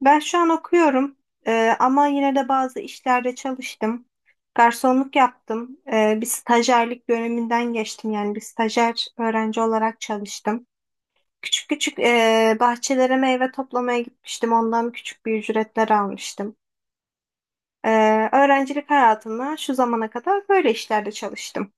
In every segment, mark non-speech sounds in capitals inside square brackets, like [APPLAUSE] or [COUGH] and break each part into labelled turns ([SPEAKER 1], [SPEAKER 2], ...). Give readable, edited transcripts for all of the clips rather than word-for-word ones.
[SPEAKER 1] Ben şu an okuyorum. Ama yine de bazı işlerde çalıştım. Garsonluk yaptım. Bir stajyerlik döneminden geçtim. Yani bir stajyer öğrenci olarak çalıştım. Küçük küçük bahçelere meyve toplamaya gitmiştim. Ondan küçük bir ücretler almıştım. Öğrencilik hayatımda şu zamana kadar böyle işlerde çalıştım.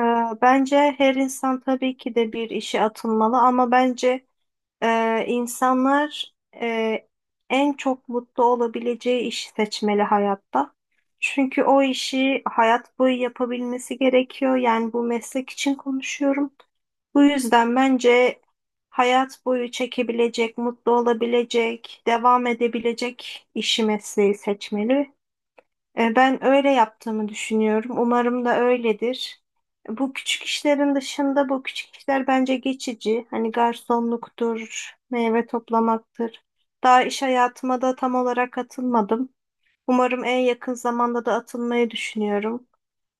[SPEAKER 1] Ee, Bence her insan tabii ki de bir işe atılmalı, ama bence insanlar e, en çok mutlu olabileceği işi seçmeli hayatta. Çünkü o işi hayat boyu yapabilmesi gerekiyor. Yani bu meslek için konuşuyorum. Bu yüzden bence hayat boyu çekebilecek, mutlu olabilecek, devam edebilecek işi, mesleği seçmeli. Ben öyle yaptığımı düşünüyorum. Umarım da öyledir. Bu küçük işlerin dışında, bu küçük işler bence geçici. Hani garsonluktur, meyve toplamaktır. Daha iş hayatıma da tam olarak atılmadım. Umarım en yakın zamanda da atılmayı düşünüyorum.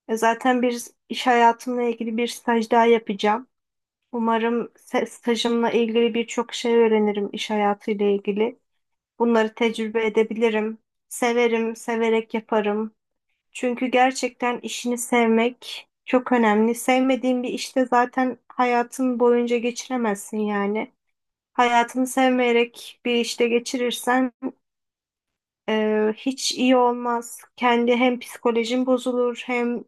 [SPEAKER 1] Zaten bir iş hayatımla ilgili bir staj daha yapacağım. Umarım stajımla ilgili birçok şey öğrenirim iş hayatıyla ilgili. Bunları tecrübe edebilirim. Severim, severek yaparım. Çünkü gerçekten işini sevmek çok önemli. Sevmediğin bir işte zaten hayatın boyunca geçiremezsin yani. Hayatını sevmeyerek bir işte geçirirsen hiç iyi olmaz. Kendi hem psikolojin bozulur, hem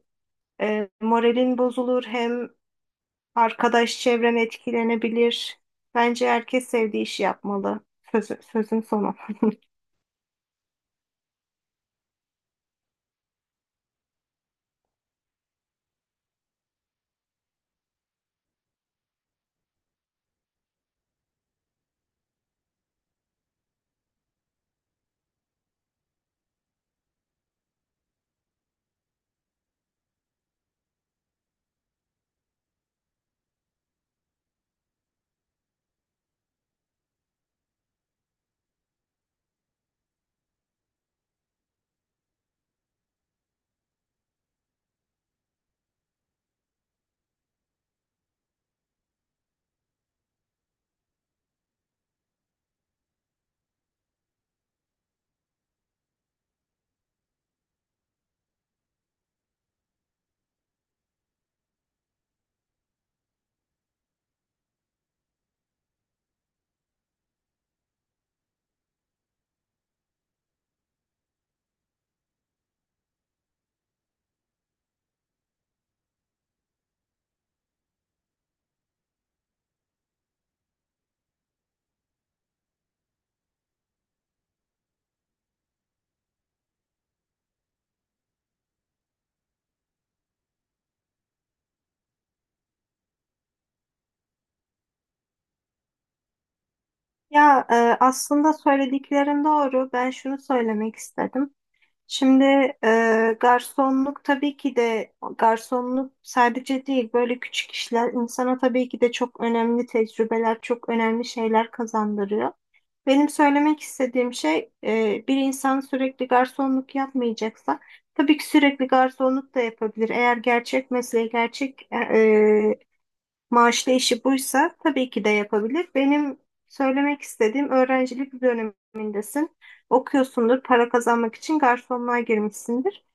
[SPEAKER 1] moralin bozulur, hem arkadaş çevren etkilenebilir. Bence herkes sevdiği işi yapmalı. Sözü, sözün sonu. [LAUGHS] Ya, aslında söylediklerin doğru. Ben şunu söylemek istedim. Şimdi, garsonluk tabii ki de, garsonluk sadece değil, böyle küçük işler insana tabii ki de çok önemli tecrübeler, çok önemli şeyler kazandırıyor. Benim söylemek istediğim şey, bir insan sürekli garsonluk yapmayacaksa, tabii ki sürekli garsonluk da yapabilir. Eğer gerçek mesleği, gerçek maaşlı işi buysa tabii ki de yapabilir. Benim söylemek istediğim, öğrencilik dönemindesin. Okuyorsundur, para kazanmak için garsonluğa girmişsindir.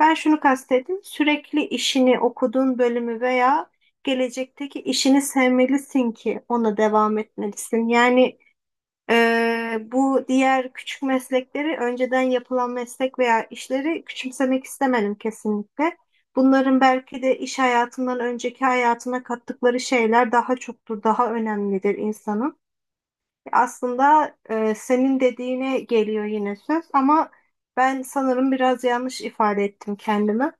[SPEAKER 1] Ben şunu kastettim. Sürekli işini, okuduğun bölümü veya gelecekteki işini sevmelisin ki ona devam etmelisin. Yani, bu diğer küçük meslekleri, önceden yapılan meslek veya işleri küçümsemek istemedim kesinlikle. Bunların belki de iş hayatından önceki hayatına kattıkları şeyler daha çoktur, daha önemlidir insanın. Aslında, senin dediğine geliyor yine söz, ama ben sanırım biraz yanlış ifade ettim kendimi.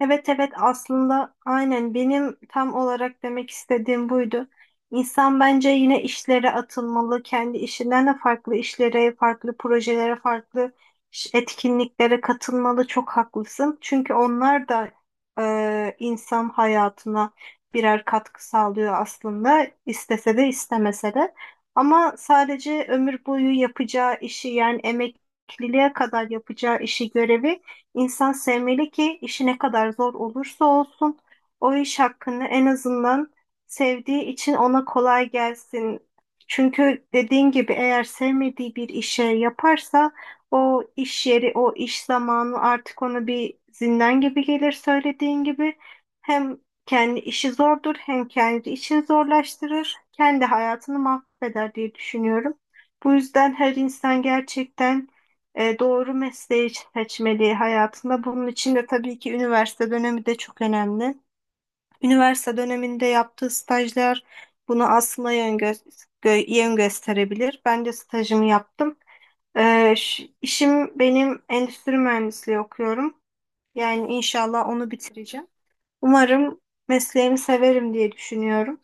[SPEAKER 1] Evet, evet, aslında aynen benim tam olarak demek istediğim buydu. İnsan bence yine işlere atılmalı. Kendi işinden de farklı işlere, farklı projelere, farklı etkinliklere katılmalı. Çok haklısın. Çünkü onlar da insan hayatına birer katkı sağlıyor aslında, istese de istemese de. Ama sadece ömür boyu yapacağı işi, yani emekliliğe kadar yapacağı işi, görevi İnsan sevmeli ki işi ne kadar zor olursa olsun o iş hakkında en azından sevdiği için ona kolay gelsin. Çünkü dediğin gibi, eğer sevmediği bir işe yaparsa o iş yeri, o iş zamanı artık ona bir zindan gibi gelir, söylediğin gibi. Hem kendi işi zordur, hem kendi işini zorlaştırır. Kendi hayatını mahveder diye düşünüyorum. Bu yüzden her insan gerçekten doğru mesleği seçmeli hayatında. Bunun için de tabii ki üniversite dönemi de çok önemli. Üniversite döneminde yaptığı stajlar bunu aslında yön gösterebilir. Ben de stajımı yaptım. İşim benim endüstri mühendisliği okuyorum. Yani inşallah onu bitireceğim. Umarım mesleğimi severim diye düşünüyorum.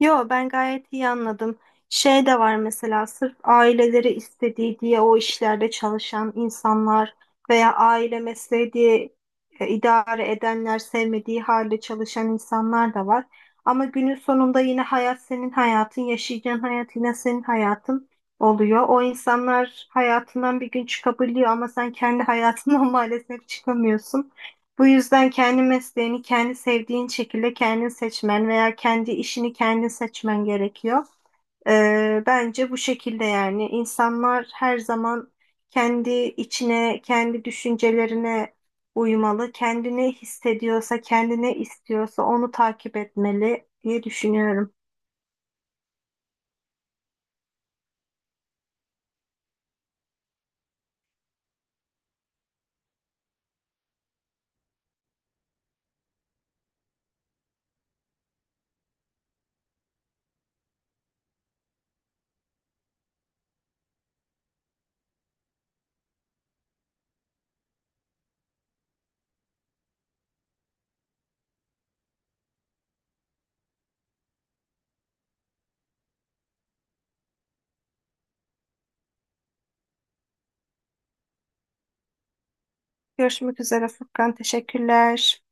[SPEAKER 1] Yo, ben gayet iyi anladım. Şey de var, mesela sırf aileleri istediği diye o işlerde çalışan insanlar veya aile mesleği diye idare edenler, sevmediği halde çalışan insanlar da var. Ama günün sonunda yine hayat senin hayatın, yaşayacağın hayat yine senin hayatın oluyor. O insanlar hayatından bir gün çıkabiliyor, ama sen kendi hayatından [LAUGHS] maalesef çıkamıyorsun. Bu yüzden kendi mesleğini kendi sevdiğin şekilde kendin seçmen veya kendi işini kendin seçmen gerekiyor. Bence bu şekilde, yani insanlar her zaman kendi içine, kendi düşüncelerine uymalı. Kendini hissediyorsa, kendine istiyorsa onu takip etmeli diye düşünüyorum. Görüşmek üzere Furkan. Teşekkürler.